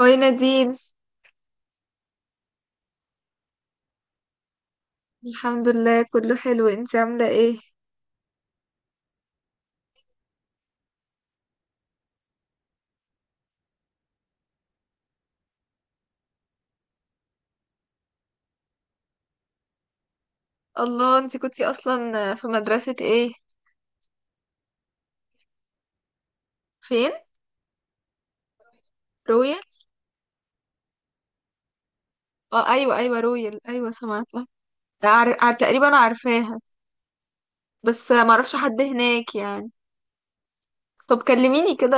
هاي نادين. الحمد لله، كله حلو. انت عاملة ايه؟ الله، انت كنتي اصلا في مدرسة ايه؟ فين؟ رويال. اه، ايوه ايوه رويال، ايوه سمعتها. تقريبا عارفاها. بس ما اعرفش حد هناك يعني. طب كلميني كده.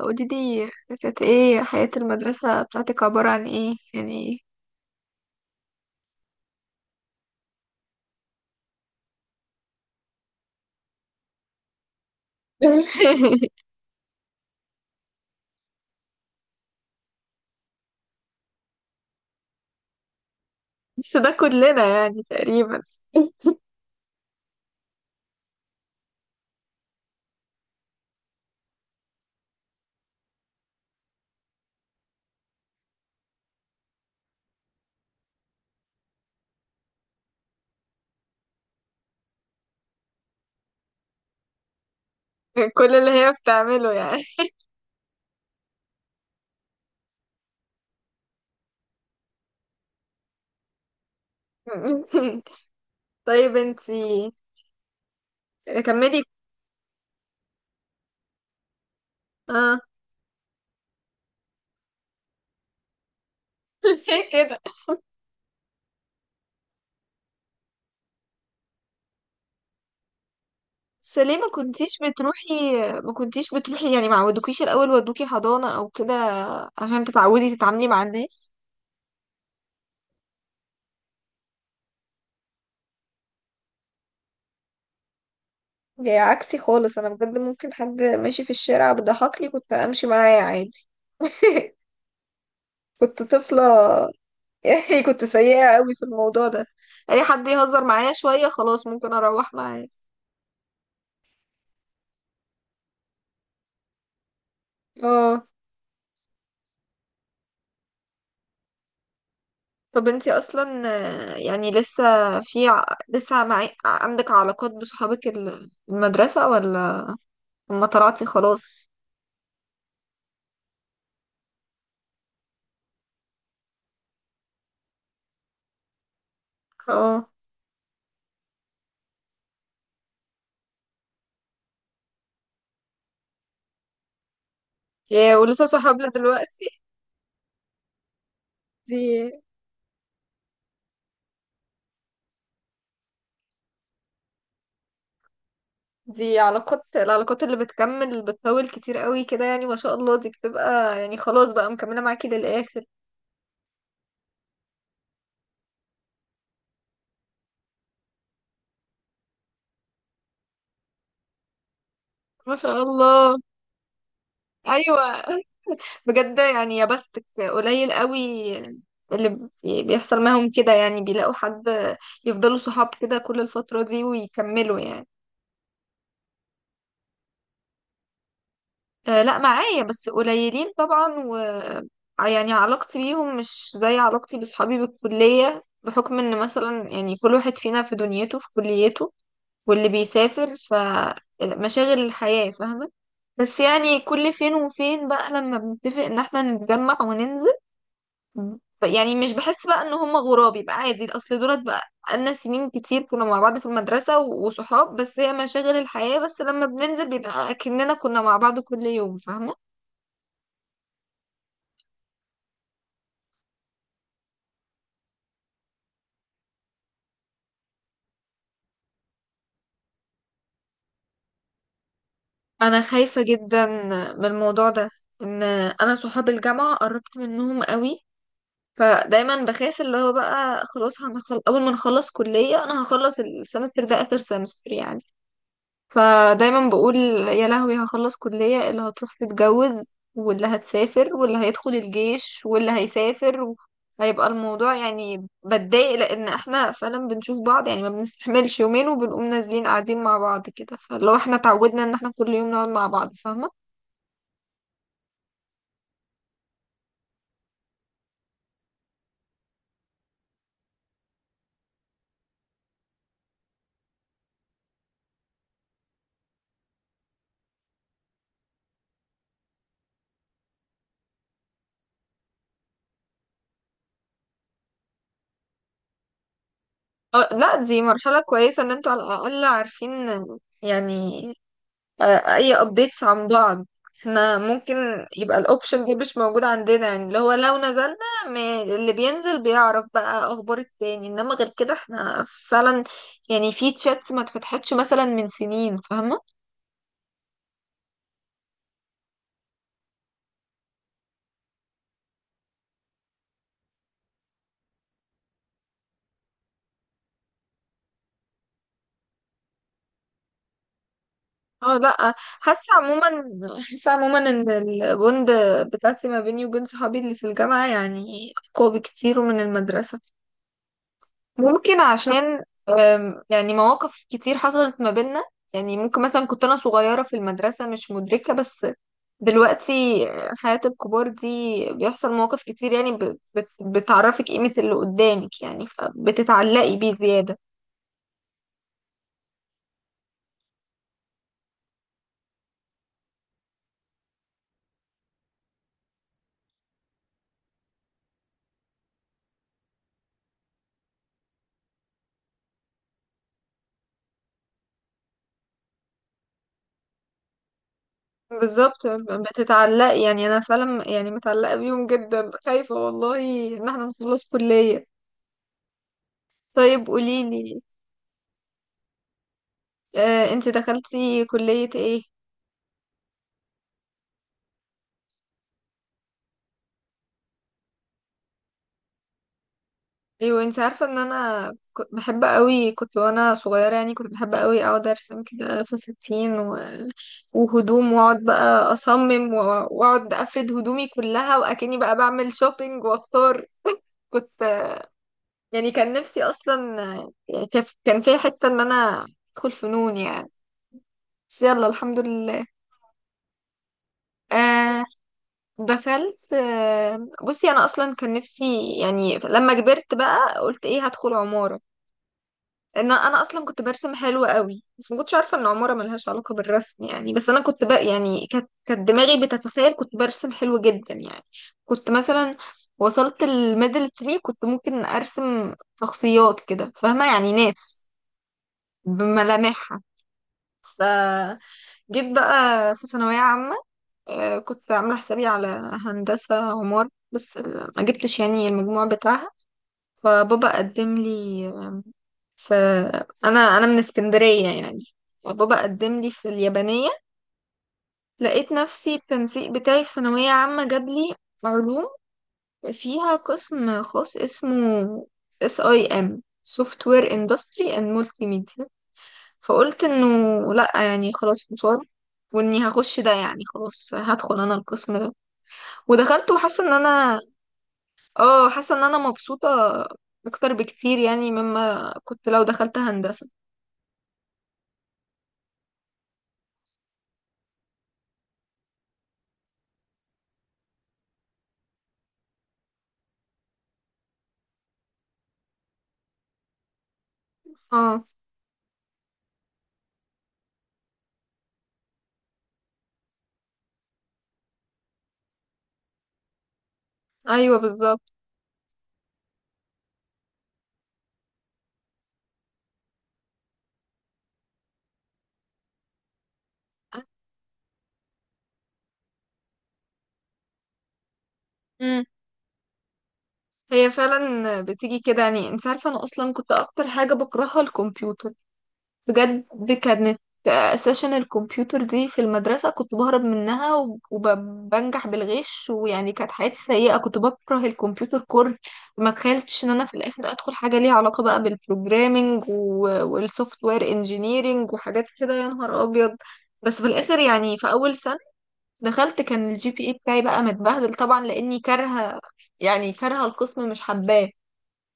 قولي لي. كانت ايه حياة المدرسة بتاعتك، عبارة عن ايه يعني؟ بس ده كلنا يعني تقريبا. كل اللي هي بتعمله يعني. طيب انتي. كملي. اه. ليه كده؟ بس ليه ما كنتيش بتروحي؟ ما كنتيش بتروحي يعني، ما عودوكيش الاول ودوكي حضانة او كده عشان تتعودي تتعاملي مع الناس؟ جاي عكسي خالص، انا بجد ممكن حد ماشي في الشارع بيضحكلي كنت امشي معاه عادي. كنت طفلة، يعني كنت سيئة قوي في الموضوع ده. اي حد يهزر معايا شوية خلاص ممكن اروح معاه. اه. طب انتي اصلا يعني لسه في ع- لسه معي... عندك علاقات بصحابك المدرسة ولا، لما طلعتي خلاص؟ اه. يا، ولسه صحابنا دلوقتي؟ دي دي العلاقات اللي بتكمل، بتطول كتير قوي كده يعني، ما شاء الله دي بتبقى يعني خلاص بقى مكملة معاكي للآخر. ما شاء الله. ايوه. بجد يعني يا بختك. قليل قوي اللي بيحصل معاهم كده، يعني بيلاقوا حد يفضلوا صحاب كده كل الفترة دي ويكملوا يعني. لا، معايا بس قليلين طبعا، و يعني علاقتي بيهم مش زي علاقتي بصحابي بالكلية، بحكم ان مثلا يعني كل واحد فينا في دنيته، في كليته، واللي بيسافر، فمشاغل الحياة، فاهمة؟ بس يعني كل فين وفين بقى لما بنتفق ان احنا نتجمع وننزل. يعني مش بحس بقى ان هم غراب، يبقى عادي اصل دولت بقى لنا سنين كتير كنا مع بعض في المدرسة وصحاب، بس هي مشاغل الحياة، بس لما بننزل بيبقى اكننا كنا مع بعض كل يوم، فاهمة؟ انا خايفة جدا من الموضوع ده، ان انا صحاب الجامعة قربت منهم قوي، فدايما بخاف اللي هو بقى خلاص اول ما نخلص كلية، انا هخلص السمستر ده اخر سمستر يعني. فدايما بقول يا لهوي هخلص كلية، اللي هتروح تتجوز واللي هتسافر واللي هيدخل الجيش واللي هيسافر. هيبقى الموضوع يعني بتضايق، لان احنا فعلا بنشوف بعض يعني، ما بنستحملش يومين وبنقوم نازلين قاعدين مع بعض كده، فلو احنا اتعودنا ان احنا كل يوم نقعد مع بعض، فاهمة؟ اه، لا، دي مرحلة كويسة ان انتوا على الأقل عارفين يعني اي updates عن بعض. احنا ممكن يبقى الاوبشن دي مش موجود عندنا، يعني اللي هو لو نزلنا م- اللي بينزل بيعرف بقى اخبار التاني، انما غير كده احنا فعلا يعني في تشاتس ما اتفتحتش مثلا من سنين، فاهمة؟ اه، لا. حاسة عموما حاسة عموما ان البوند بتاعتي ما بيني وبين صحابي اللي في الجامعة يعني اقوى بكتير من المدرسة. ممكن عشان يعني مواقف كتير حصلت ما بيننا. يعني ممكن مثلا كنت أنا صغيرة في المدرسة مش مدركة، بس دلوقتي حياة الكبار دي بيحصل مواقف كتير، يعني بتعرفك قيمة اللي قدامك يعني، فبتتعلقي بيه زيادة. بالظبط بتتعلقي، يعني أنا فعلا يعني متعلقة بيهم جدا، خايفة والله إن احنا نخلص كلية. طيب قوليلي، انت دخلتي كلية ايه؟ ايوه انت عارفه ان انا بحب قوي، كنت وانا صغيره يعني كنت بحب قوي اقعد ارسم كده فساتين وهدوم، واقعد بقى اصمم واقعد افرد هدومي كلها واكني بقى بعمل شوبينج واختار. كنت يعني كان نفسي اصلا، يعني كان فيها حته ان انا ادخل فنون يعني، بس يلا الحمد لله. آه دخلت، بصي انا اصلا كان نفسي يعني لما كبرت بقى قلت ايه، هدخل عمارة. ان انا اصلا كنت برسم حلو قوي، بس ما كنتش عارفه ان عماره ملهاش علاقه بالرسم يعني، بس انا كنت بقى يعني كانت دماغي بتتخيل كنت برسم حلو جدا يعني. كنت مثلا وصلت الميدل تري، كنت ممكن ارسم شخصيات كده فاهمه، يعني ناس بملامحها. فجيت بقى في ثانويه عامه، كنت عامله حسابي على هندسه عمار، بس ما جبتش يعني المجموع بتاعها. فبابا قدم لي، فانا انا أنا من اسكندريه يعني، وبابا قدم لي في اليابانيه. لقيت نفسي التنسيق بتاعي في ثانويه عامه جاب لي علوم، فيها قسم خاص اسمه اس اي ام سوفت وير اندستري اند مولتي ميديا. فقلت انه لا، يعني خلاص مصاب، واني هخش ده، يعني خلاص هدخل انا القسم ده. ودخلت وحاسه ان انا مبسوطه اكتر بكتير يعني مما كنت لو دخلت هندسه. اه، ايوه بالظبط. امم هي فعلا بتيجي كده، يعني انت عارفه انا اصلا كنت اكتر حاجه بكرهها الكمبيوتر. بجد، كانت سيشن الكمبيوتر دي في المدرسه كنت بهرب منها وبنجح بالغش، ويعني كانت حياتي سيئه، كنت بكره الكمبيوتر كره. ما تخيلتش ان انا في الاخر ادخل حاجه ليها علاقه بقى بالبروجرامينج والسوفت وير انجينيرينج وحاجات كده، يا نهار ابيض. بس في الاخر يعني في اول سنه دخلت كان الـ GPA بتاعي بقى متبهدل طبعا، لاني كارهه، يعني كارهه القسم مش حباه.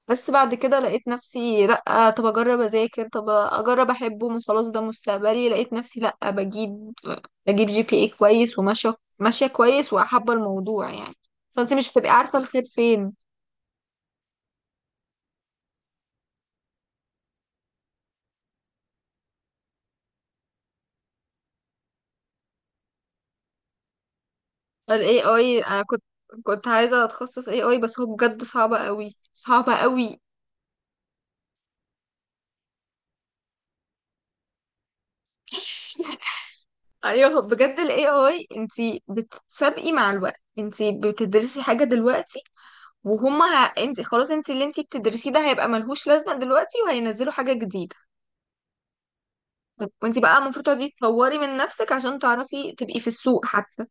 بس بعد كده لقيت نفسي لا، طب اجرب اذاكر، طب اجرب احبه، من خلاص ده مستقبلي. لقيت نفسي لا، بجيب GPA كويس وماشيه ماشيه كويس وحابه الموضوع يعني، فانت مش بتبقي عارفه الخير فين. الـ AI، انا كنت عايزه اتخصص AI، بس هو بجد صعب قوي، صعب قوي. ايوه بجد ال AI انتي بتسابقي مع الوقت، انتي بتدرسي حاجة دلوقتي، وهما انتي خلاص، انتي اللي انتي بتدرسيه ده هيبقى ملهوش لازمة دلوقتي، وهينزلوا حاجة جديدة. وانتي بقى المفروض تقعدي تطوري من نفسك، عشان تعرفي تبقي في السوق حتى.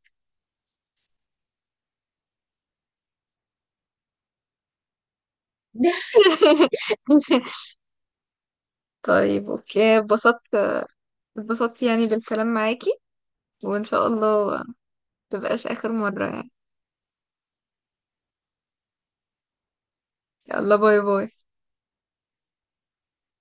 طيب اوكي، اتبسطت. اتبسطت يعني بالكلام معاكي، وان شاء الله متبقاش اخر مرة يعني. يلا، باي باي.